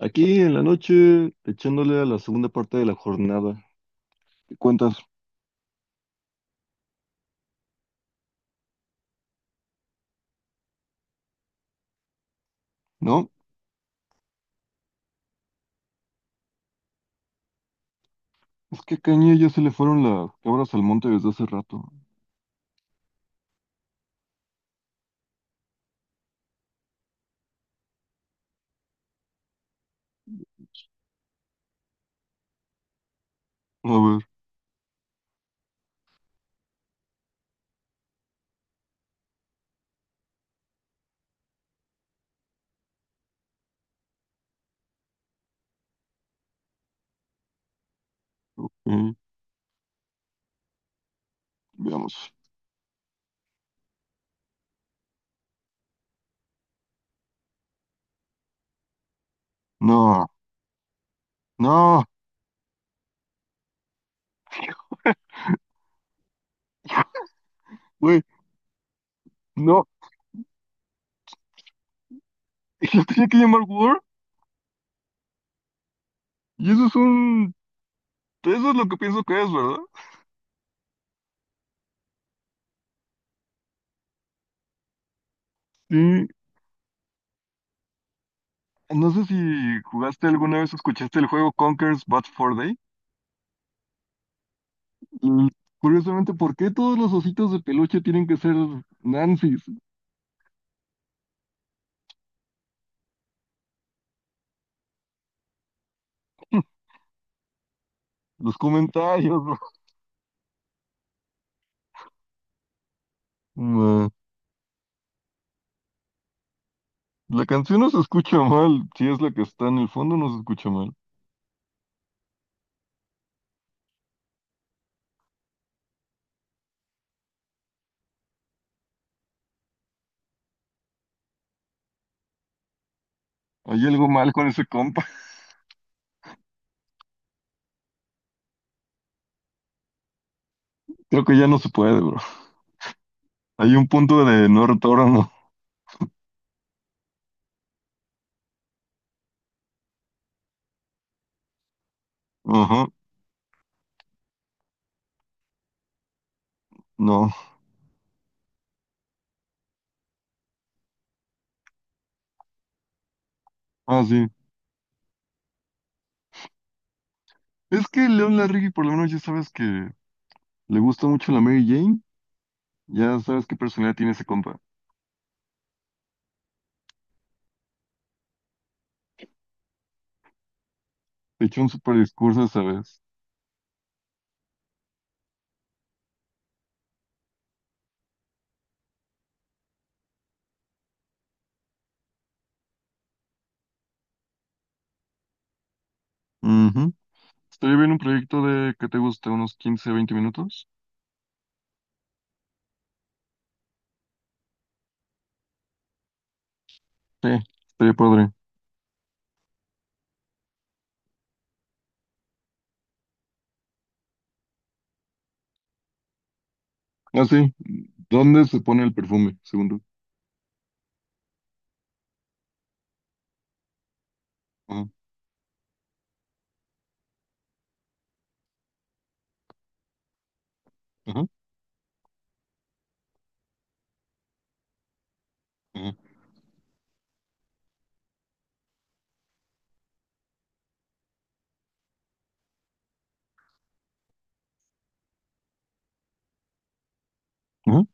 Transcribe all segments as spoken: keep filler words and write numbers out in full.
Aquí en la noche, echándole a la segunda parte de la jornada. ¿Qué cuentas? ¿No? Es que a Caña ya se le fueron las cabras al monte desde hace rato. A ver, eh, veamos. No, no, güey, no. Y lo tenía que llamar War. Y eso es un... Eso es lo que pienso que es, ¿verdad? Sí. No sé si jugaste alguna vez o escuchaste el juego Conker's Bad Fur Day. Mm, Curiosamente, ¿por qué todos los ositos de peluche tienen que ser Nancy's? Los comentarios, bro. La canción no se escucha mal, si es la que está en el fondo no se escucha mal. Hay algo mal con ese compa. Creo que ya no se puede, bro. Hay un punto de no retorno. Ajá, no. Ah, sí. Es que León Larregui por lo menos ya sabes que le gusta mucho la Mary Jane. Ya sabes qué personalidad tiene ese compa. Te echó un super discurso esa vez. Ujú. Estaría bien un proyecto de que te guste unos quince, veinte minutos. Sí, estaría padre. Ah, sí. ¿Dónde se pone el perfume? Segundo. Ajá, ajá, ajá. Ajá.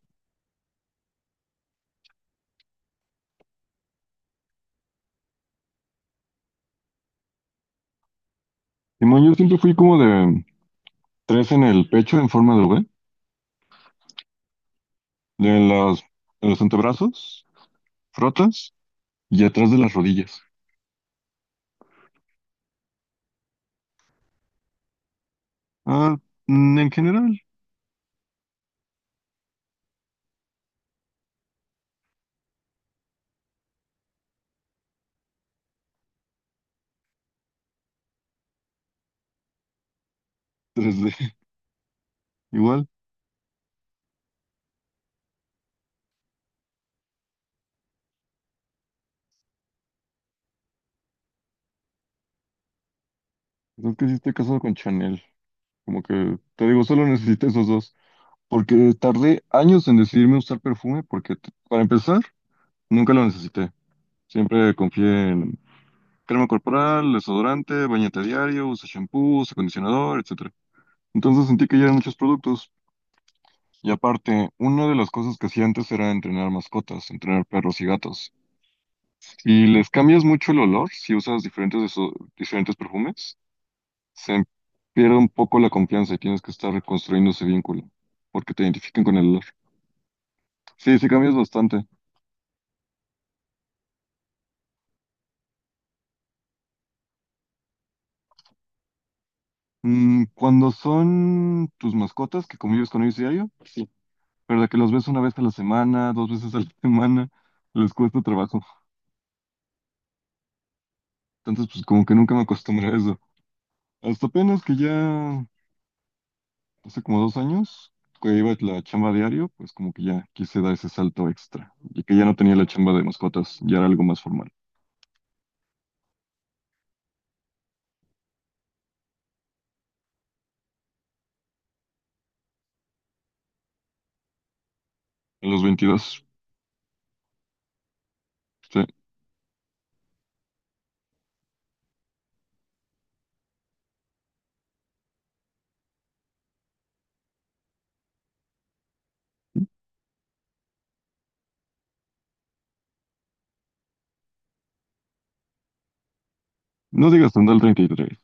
Simón, yo siempre fui como de tres en el pecho en forma de V, de las, de los antebrazos, frotas y atrás de las rodillas. Ah, mm, en general, tres d. Igual. Es que sí estoy casado con Chanel, como que te digo, solo necesito esos dos, porque tardé años en decidirme a usar perfume, porque t- para empezar, nunca lo necesité. Siempre confié en crema corporal, desodorante, bañete diario, usa shampoo, usa acondicionador, etcétera. Entonces sentí que ya eran muchos productos. Y aparte, una de las cosas que hacía antes era entrenar mascotas, entrenar perros y gatos. Si les cambias mucho el olor, si usas diferentes, de esos- diferentes perfumes, se pierde un poco la confianza y tienes que estar reconstruyendo ese vínculo, porque te identifican con el olor. Sí, sí cambias bastante. Mm, cuando son tus mascotas que convives con ellos diario, sí. Pero de que los ves una vez a la semana, dos veces a la semana, les cuesta trabajo. Entonces, pues como que nunca me acostumbré a eso. Hasta apenas que ya hace como dos años, que iba a la chamba diario, pues como que ya quise dar ese salto extra y que ya no tenía la chamba de mascotas, ya era algo más formal. En los veintidós, sí. No digas tan el treinta y tres.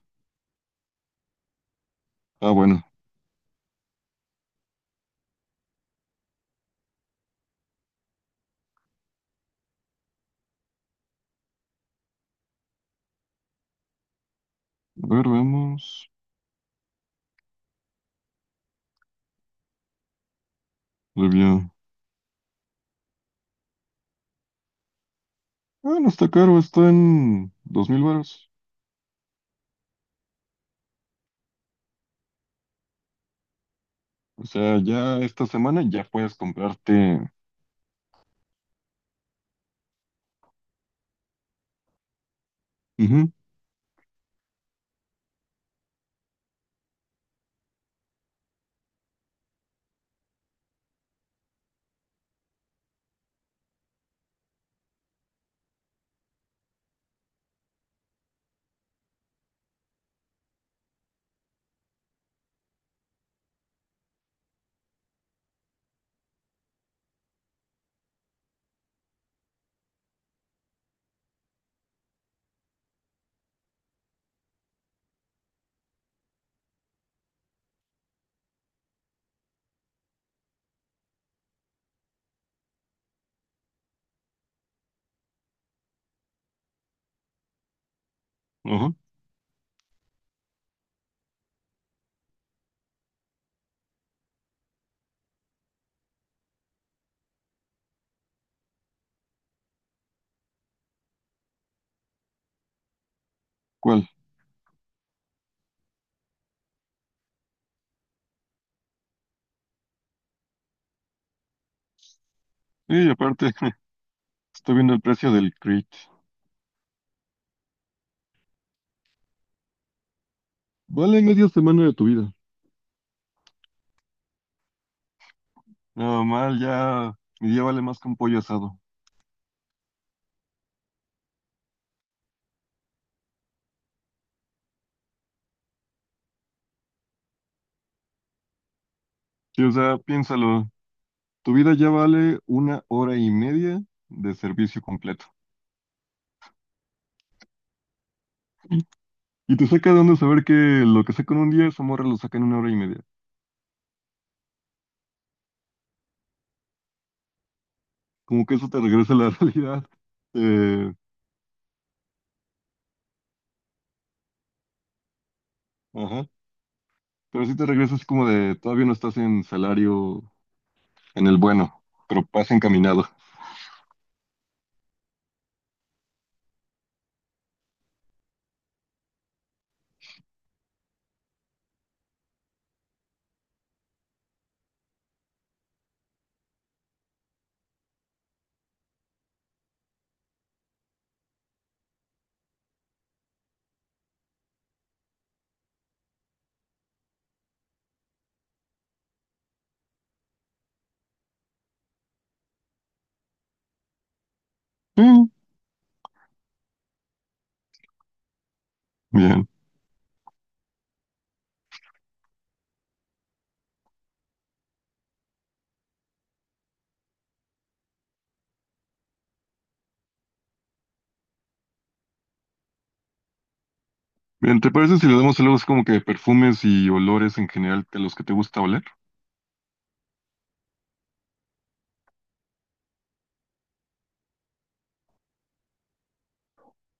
Ah, bueno. A ver, veamos. Debía... Ah, no está caro, está en dos mil varos. O sea, ya esta semana ya puedes comprarte... Ujú, ajá. ¿Cuál? Sí, aparte, estoy viendo el precio del crit. Vale media semana de tu vida. No, mal, ya... Mi día vale más que un pollo asado. Sí, o sea, piénsalo, tu vida ya vale una hora y media de servicio completo. Y te saca de onda saber que lo que saca en un día, esa morra lo saca en una hora y media. Como que eso te regresa a la realidad. Eh, ajá. Pero sí te regresa así como de, todavía no estás en salario, en el bueno, pero vas encaminado. Mm, bien. Bien, ¿te parece si le damos algo así como que perfumes y olores en general de los que te gusta oler?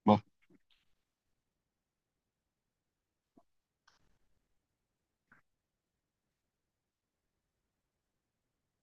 Va.